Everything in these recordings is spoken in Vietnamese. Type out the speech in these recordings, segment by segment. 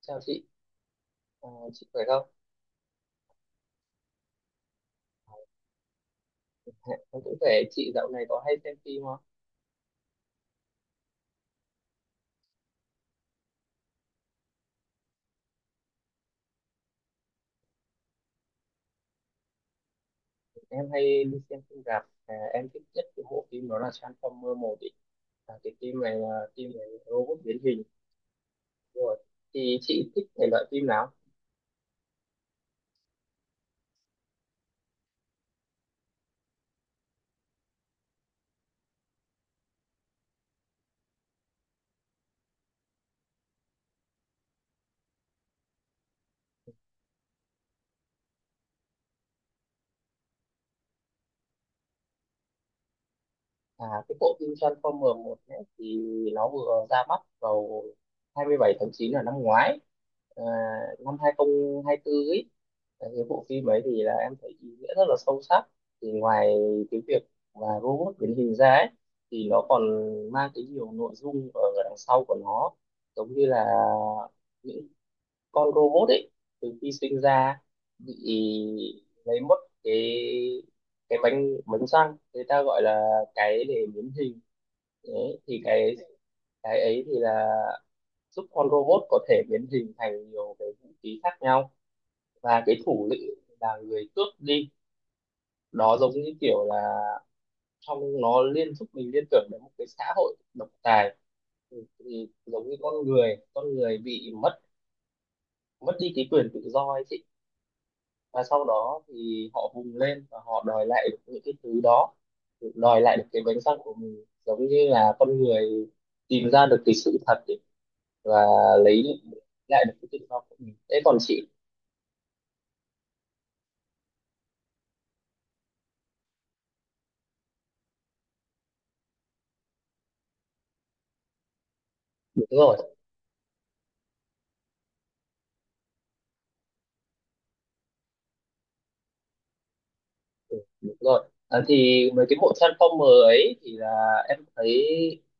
Chào chị. Chị khỏe không? Ờ, Em cũng khỏe. Chị dạo này có hay xem phim không? Em hay đi xem phim rạp. Em thích nhất cái bộ phim đó là Transformer 1 ý. À, cái phim này là phim về robot biến hình. Đúng rồi. Thì chị thích thể loại phim nào? À, cái bộ phim Transformer 1 ấy, thì nó vừa ra mắt vào 27 tháng 9 là năm ngoái, à, năm 2024 ấy. Đấy, cái bộ phim ấy thì là em thấy ý nghĩa rất là sâu sắc, thì ngoài cái việc mà robot biến hình ra ấy thì nó còn mang cái nhiều nội dung ở đằng sau của nó, giống như là những con robot ấy từ khi sinh ra bị lấy mất cái cái bánh bánh răng, người ta gọi là cái để biến hình. Đấy thì cái ấy thì là giúp con robot có thể biến hình thành nhiều cái vũ khí khác nhau, và cái thủ lĩnh là người cướp đi đó, giống như kiểu là trong nó liên giúp mình liên tưởng đến một cái xã hội độc tài. Thì giống như con người bị mất mất đi cái quyền tự do ấy chị, và sau đó thì họ vùng lên và họ đòi lại được những cái thứ đó, đòi lại được cái bánh răng của mình, giống như là con người tìm ra được cái sự thật ấy, và lấy lại được cái tự do của mình. Thế còn chị? Đúng rồi. Ừ, đúng rồi. À, thì mấy cái bộ Transformer ấy thì là em thấy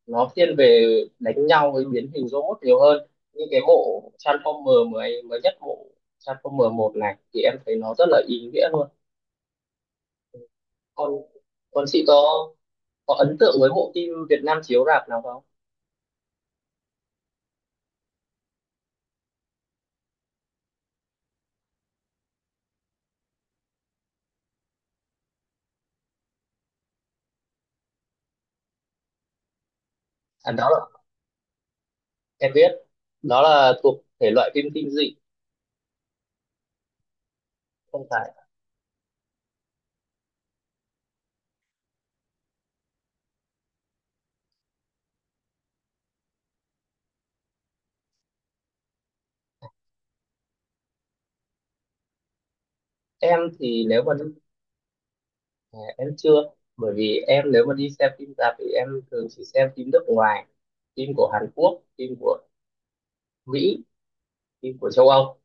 nó thiên về đánh nhau với biến hình robot nhiều hơn. Như cái bộ Transformer mới mới nhất, bộ Transformer một này thì em thấy nó rất là ý nghĩa luôn. Còn còn chị có ấn tượng với bộ phim Việt Nam chiếu rạp nào không? À, đó là em biết, đó là thuộc thể loại phim kinh dị, không phải. Em thì nếu mà đi, à, em chưa, bởi vì em nếu mà đi xem phim rạp thì em thường chỉ xem phim nước ngoài, phim của Hàn Quốc, phim của Mỹ, phim của châu Âu.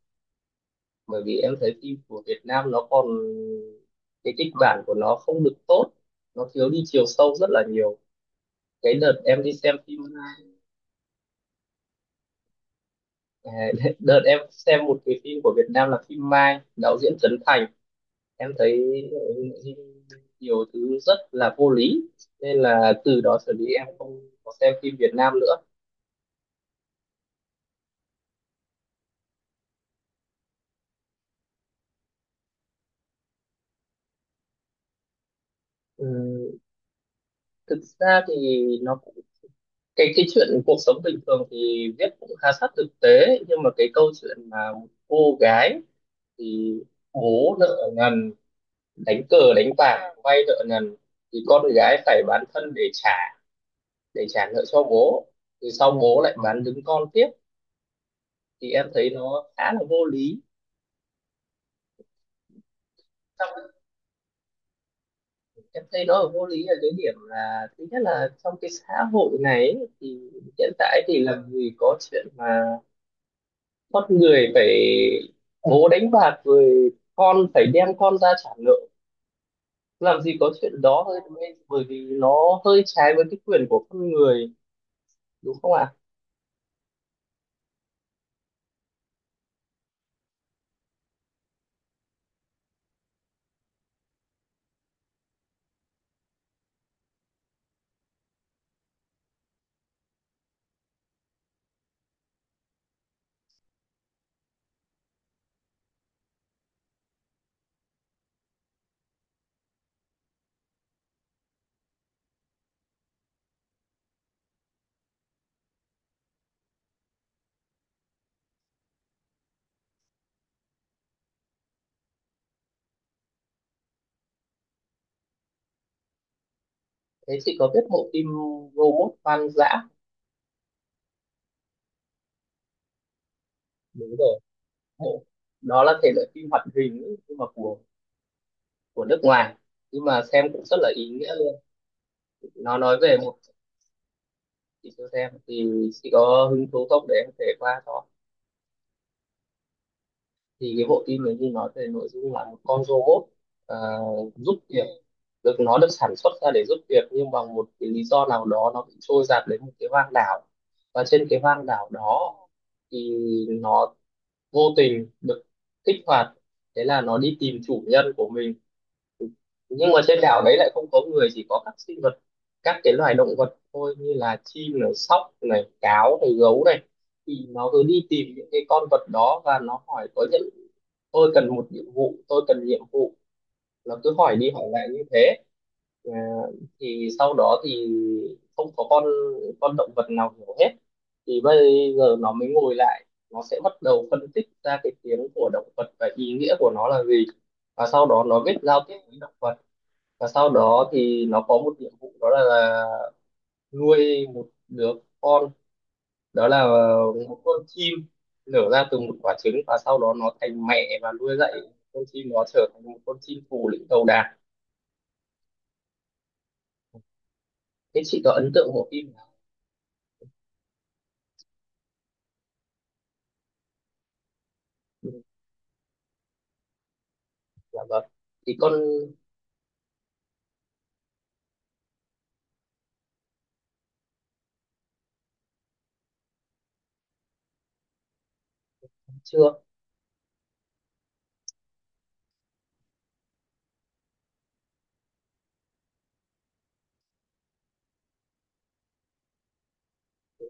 Bởi vì em thấy phim của Việt Nam nó còn cái kịch bản của nó không được tốt, nó thiếu đi chiều sâu rất là nhiều. Cái đợt em đi xem phim, à, đợt em xem một cái phim của Việt Nam là phim Mai, đạo diễn Trấn Thành, em thấy ừ, nhiều thứ rất là vô lý, nên là từ đó trở đi em không có xem phim Việt Nam nữa. Ừ, thực ra thì nó cũng- cái chuyện cuộc sống bình thường thì viết cũng khá sát thực tế, nhưng mà cái câu chuyện mà một cô gái thì bố nợ nần, đánh cờ đánh bạc vay nợ nần, thì con gái phải bán thân để trả, để trả nợ cho bố, thì sau bố lại bán đứng con tiếp, thì em thấy nó khá là vô lý. Em thấy nó ở vô lý ở cái điểm là thứ nhất là trong cái xã hội này ấy, thì hiện tại thì làm gì có chuyện mà con người phải bố đánh bạc rồi con phải đem con ra trả nợ, làm gì có chuyện đó thôi, bởi vì nó hơi trái với cái quyền của con người, đúng không ạ? Thế chị có biết bộ phim Robot Hoang Dã? Đúng rồi. Bộ đó là thể loại phim hoạt hình ấy, nhưng mà của nước ngoài, nhưng mà xem cũng rất là ý nghĩa luôn. Nó nói về một, chị cho xem thì chị có hứng thú không để em kể qua cho. Thì cái bộ phim này như nói về nội dung là một con robot ờ, giúp việc, được nó được sản xuất ra để giúp việc, nhưng bằng một cái lý do nào đó nó bị trôi dạt đến một cái hoang đảo, và trên cái hoang đảo đó thì nó vô tình được kích hoạt, thế là nó đi tìm chủ nhân của mình. Nhưng mà trên đảo đấy lại không có người, chỉ có các sinh vật, các cái loài động vật thôi, như là chim này, sóc này, cáo này, gấu này. Thì nó cứ đi tìm những cái con vật đó và nó hỏi có những tôi cần một nhiệm vụ, tôi cần nhiệm vụ, nó cứ hỏi đi hỏi lại như thế. À, thì sau đó thì không có con động vật nào hiểu hết, thì bây giờ nó mới ngồi lại, nó sẽ bắt đầu phân tích ra cái tiếng của động vật và ý nghĩa của nó là gì, và sau đó nó viết giao tiếp với động vật. Và sau đó thì nó có một nhiệm vụ đó là nuôi một đứa con, đó là một con chim nở ra từ một quả trứng, và sau đó nó thành mẹ và nuôi dạy con chim nó trở thành một con chim phù lĩnh đầu đàn. Thế chị có ấn tượng của phim nào? Ừ, dạ vâng, thì con chưa,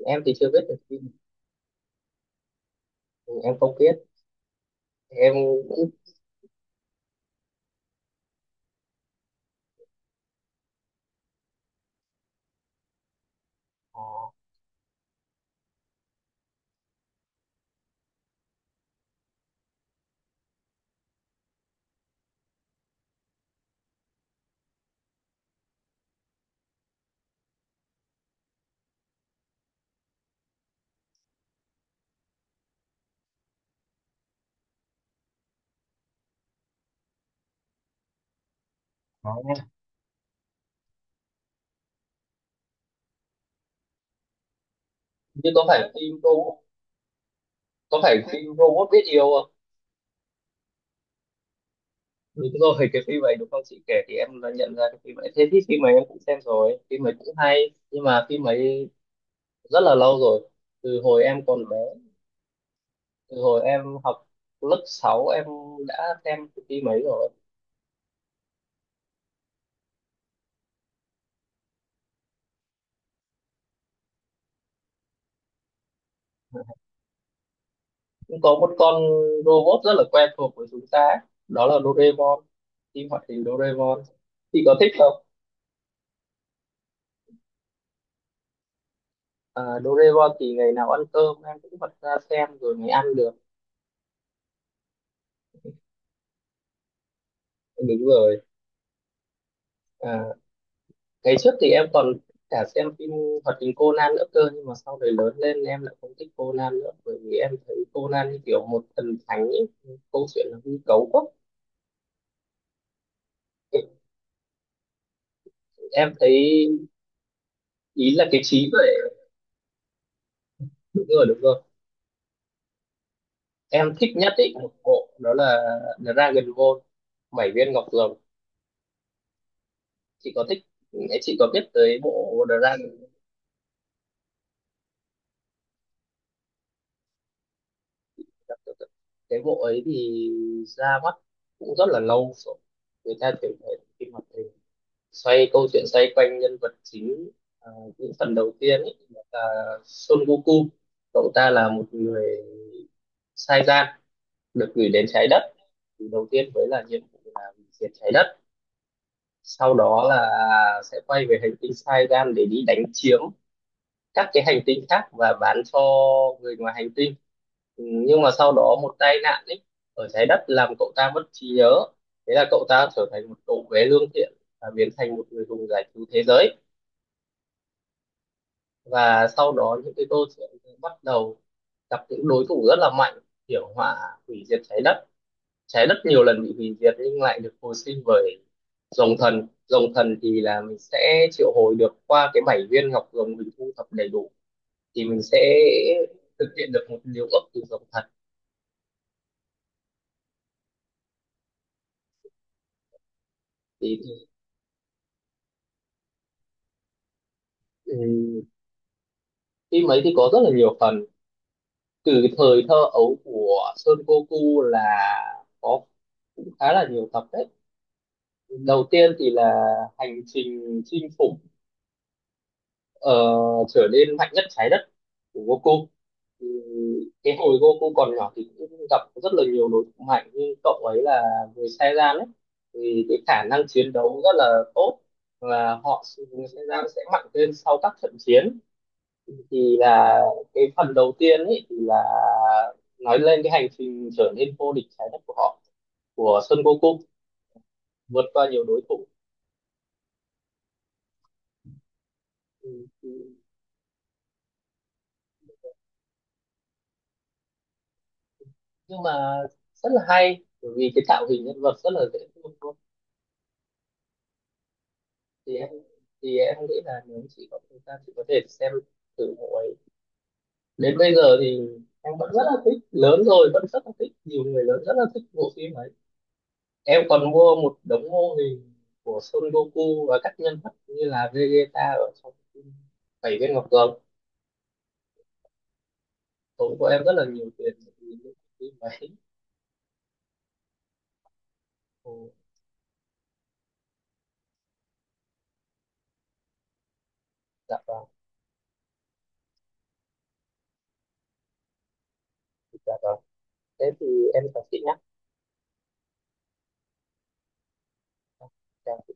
em thì chưa biết được phim. Ừ, em không biết. Em cũng ờ, như có phải phim robot, có phải phim robot biết yêu? Đúng rồi, cái phim ấy đúng không, chị kể thì em đã nhận ra cái phim ấy. Thế thì phim ấy em cũng xem rồi, phim ấy cũng hay. Nhưng mà phim ấy rất là lâu rồi, từ hồi em còn bé, từ hồi em học lớp 6 em đã xem cái phim ấy rồi. Cũng có một con robot rất là quen thuộc với chúng ta ấy, đó là Doraemon, phim hoạt hình Doraemon. Chị có thích không? À, Doraemon thì ngày nào ăn cơm em cũng bật ra xem rồi mới ăn được. Đúng rồi. À, ngày trước thì em còn cả xem phim hoạt hình Conan nữa cơ, nhưng mà sau này lớn lên em lại không thích Conan nữa, bởi vì em thấy Conan như kiểu một thần thánh ấy, câu chuyện nó hư cấu quá. Em thấy ý là cái trí vậy. Đúng rồi, đúng rồi, em thích nhất ý một bộ đó là Dragon Ball, bảy viên ngọc rồng. Chị có thích, chị có biết tới bộ Dragon? Cái bộ ấy thì ra mắt cũng rất là lâu rồi. Người ta thường thấy phim hoạt hình xoay câu chuyện xoay quanh nhân vật chính, à, những phần đầu tiên ấy là Son Goku, cậu ta là một người sai gian được gửi đến trái đất, thì đầu tiên với là nhiệm vụ là diệt trái đất, sau đó là sẽ quay về hành tinh sai gian để đi đánh chiếm các cái hành tinh khác và bán cho người ngoài hành tinh. Ừ, nhưng mà sau đó một tai nạn ấy ở trái đất làm cậu ta mất trí nhớ, thế là cậu ta trở thành một cậu bé lương thiện và biến thành một người hùng giải cứu thế giới. Và sau đó những cái đô thị bắt đầu gặp những đối thủ rất là mạnh, kiểu hỏa hủy diệt trái đất, trái đất nhiều lần bị hủy diệt nhưng lại được hồi sinh bởi rồng thần. Rồng thần thì là mình sẽ triệu hồi được qua cái bảy viên ngọc rồng, mình thu thập đầy đủ thì mình sẽ thực hiện được một điều ước từ rồng thần. Thì ừ, phim ấy thì có rất là nhiều phần, từ cái thời thơ ấu của Son Goku là có cũng khá là nhiều tập đấy. Đầu tiên thì là hành trình chinh phục ờ, trở nên mạnh nhất trái đất của Goku. Ừ, cái hồi Goku còn nhỏ thì cũng gặp rất là nhiều đối thủ mạnh, nhưng cậu ấy là người Saiyan ấy thì cái khả năng chiến đấu rất là tốt, và họ người Saiyan sẽ mạnh lên sau các trận chiến. Thì là cái phần đầu tiên ấy thì là nói lên cái hành trình trở nên vô địch trái đất của họ, của Son Goku, vượt qua nhiều đối thủ. Ừ, ừ, nhưng mà rất là hay bởi vì cái tạo hình nhân vật rất là dễ thương. Em thì em nghĩ là nếu chị có thời gian chị có thể xem thử bộ ấy. Đến bây giờ thì em vẫn rất là thích, lớn rồi vẫn rất là thích, nhiều người lớn rất là thích bộ phim ấy. Em còn mua một đống mô hình của Son Goku và các nhân vật như là Vegeta ở trong phim Bảy viên ngọc rồng, tốn của em rất là nhiều tiền để nhìn những phim ấy. Ồ, dạ vâng, dạ vâng, thế thì em chào chị nhé. Dạ.